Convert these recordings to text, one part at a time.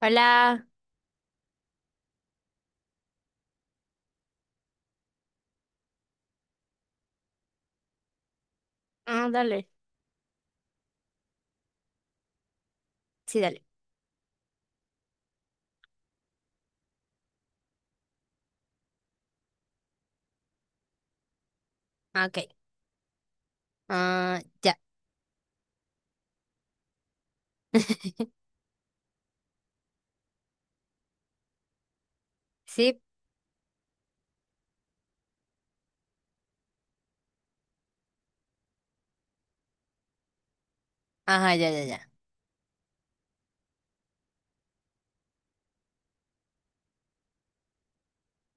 Hola. Ah, dale. Sí, dale. Ah, OK. Ah, ya. Sí. Ajá, ya, ya, ya.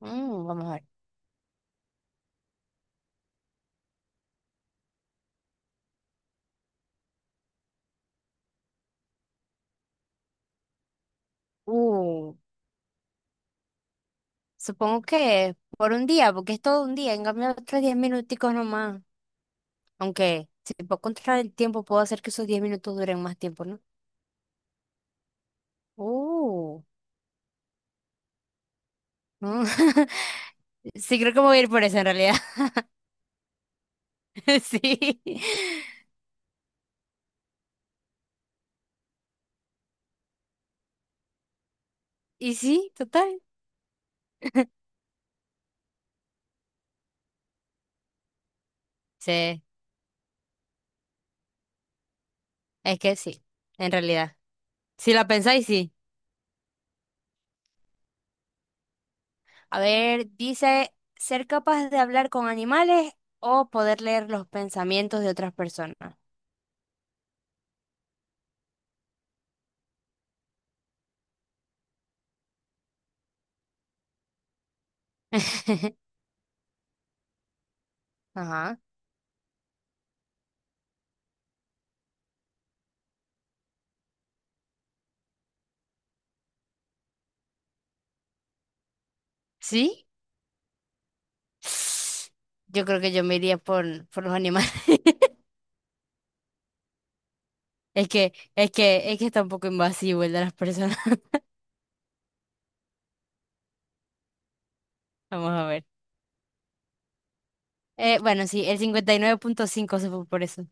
Mm, vamos a ver. Uh, supongo que por un día, porque es todo un día. En cambio, otros 10 minuticos nomás. Aunque si puedo controlar el tiempo, puedo hacer que esos 10 minutos duren más tiempo, ¿no? Uh. Mm. Sí, creo que me voy a ir por eso en realidad. Sí. Y sí, total. Sí, es que sí, en realidad. Si la pensáis, sí. A ver, dice, ser capaz de hablar con animales o poder leer los pensamientos de otras personas. Ajá. ¿Sí? Yo creo que yo me iría por los animales. Es que está un poco invasivo el de las personas. Vamos a ver. Bueno, sí, el 59.5 se fue por eso.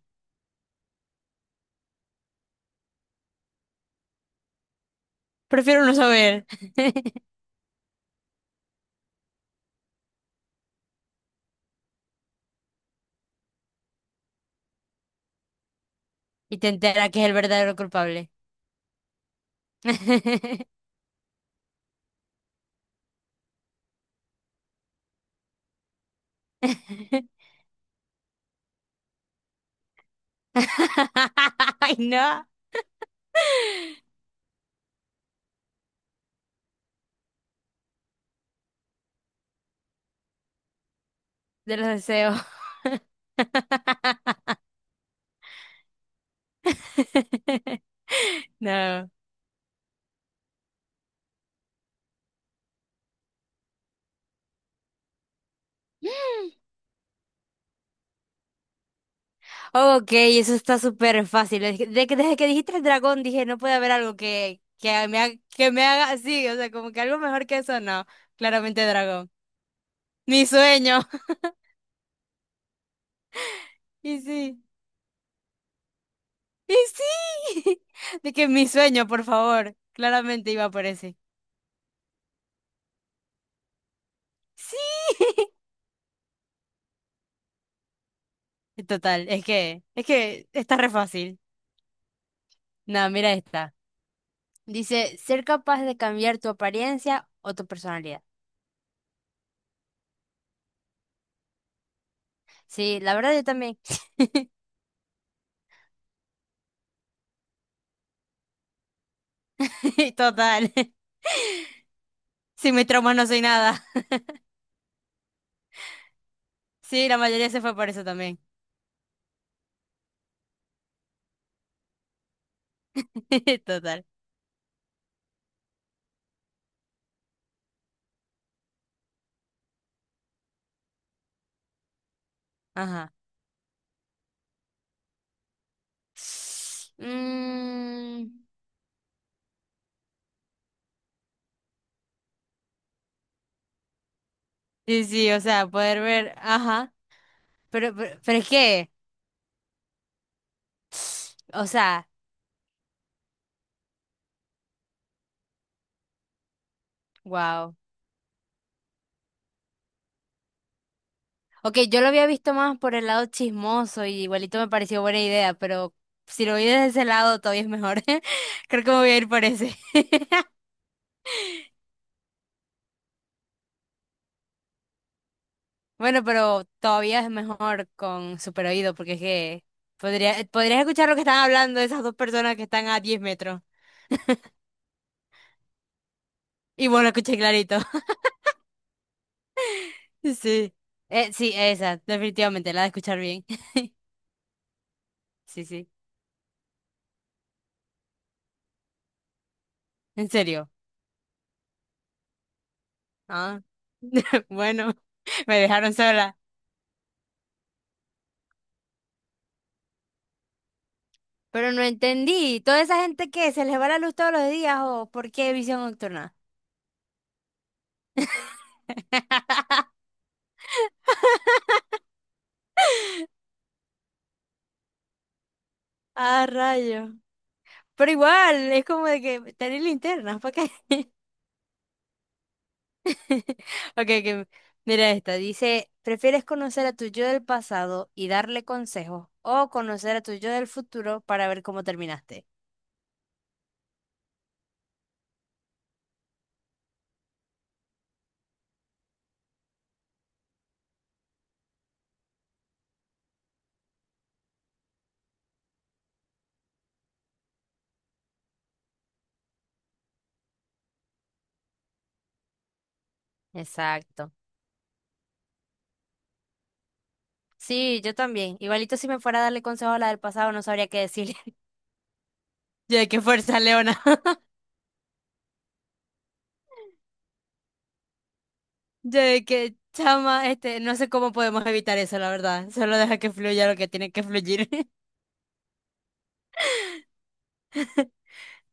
Prefiero no saber. Y te entera que es el verdadero culpable. Ay, no. De los deseos. No. OK, eso está súper fácil. Es que- de que- Desde que dijiste el dragón dije, no puede haber algo que me haga así. O sea, como que algo mejor que eso, no. Claramente dragón. Mi sueño. Y sí. Y sí. De que mi sueño, por favor. Claramente iba por ese. Sí. Total, es que está re fácil. No, mira esta. Dice, ser capaz de cambiar tu apariencia o tu personalidad. Sí, la verdad yo también. Total. Sin mis trauma no soy nada. Sí, la mayoría se fue por eso también. Total. Ajá. Mm, sí, sí, o sea, poder ver. Ajá. Pero es que. O sea, wow. OK, yo lo había visto más por el lado chismoso y igualito me pareció buena idea, pero si lo vi desde ese lado todavía es mejor. Creo que me voy a ir por ese. Bueno, pero todavía es mejor con super oído porque es que podrías escuchar lo que están hablando esas dos personas que están a 10 metros y vos lo escuchás clarito. Sí. Sí, esa, definitivamente, la de escuchar bien. Sí, sí, en serio. Ah, bueno, me dejaron sola. Pero no entendí, ¿toda esa gente que se les va la luz todos los días o por qué visión nocturna? Ah, rayo. Pero igual, es como de que tener linternas, ¿para qué? OK, ok, mira esta. Dice, ¿prefieres conocer a tu yo del pasado y darle consejos o conocer a tu yo del futuro para ver cómo terminaste? Exacto. Sí, yo también. Igualito si me fuera a darle consejos a la del pasado no sabría qué decirle. Yo de qué fuerza, Leona. Yo de qué chama, no sé cómo podemos evitar eso, la verdad. Solo deja que fluya lo que tiene que fluir.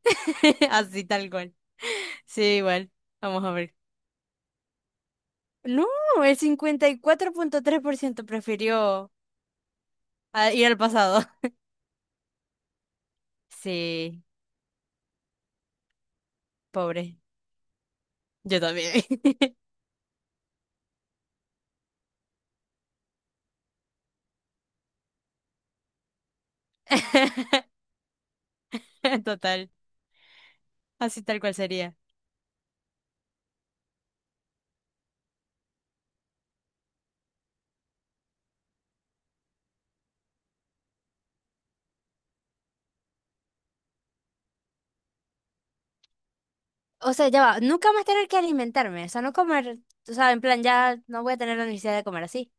Así tal cual. Sí, igual. Vamos a ver. No, el 54.3% prefirió, ah, ir al pasado. Sí, pobre. Yo también. Total, así tal cual sería. O sea, ya va, nunca más tener que alimentarme, o sea, no comer, o sea, en plan, ya no voy a tener la necesidad de comer así.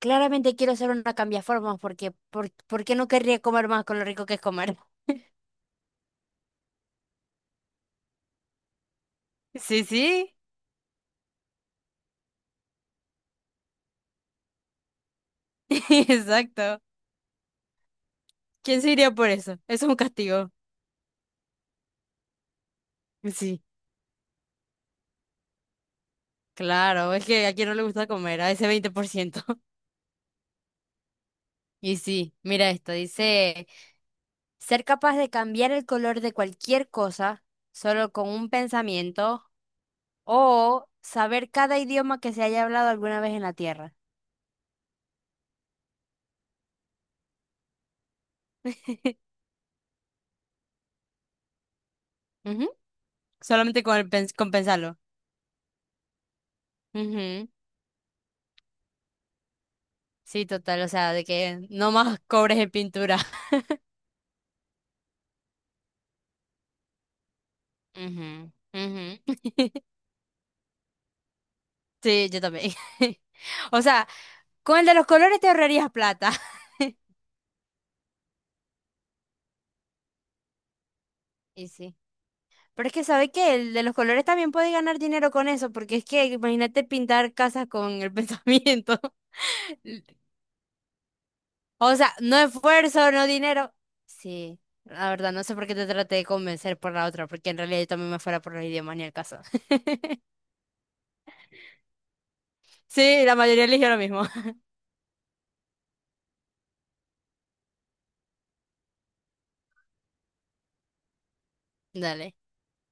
Claramente quiero hacer una cambiaformas porque, ¿por qué no querría comer más con lo rico que es comer? Sí, sí, exacto. ¿Quién se iría por eso? Eso es un castigo. Sí, claro, es que a quien no le gusta comer, a ese 20%. Y sí, mira esto, dice. Ser capaz de cambiar el color de cualquier cosa solo con un pensamiento o saber cada idioma que se haya hablado alguna vez en la Tierra. Ujú. Solamente con pensarlo. Ujú. Sí, total, o sea, de que no más cobres en pintura. Ujú, ujú. Sí, yo también. O sea, con el de los colores te ahorrarías plata. Y sí. Pero es que, ¿sabes qué? El de los colores también puede ganar dinero con eso, porque es que imagínate pintar casas con el pensamiento. L- O sea, no esfuerzo, no dinero. Sí, la verdad, no sé por qué te traté de convencer por la otra, porque en realidad yo también me fuera por los idiomas ni el caso. Sí, la mayoría eligió lo mismo. Dale.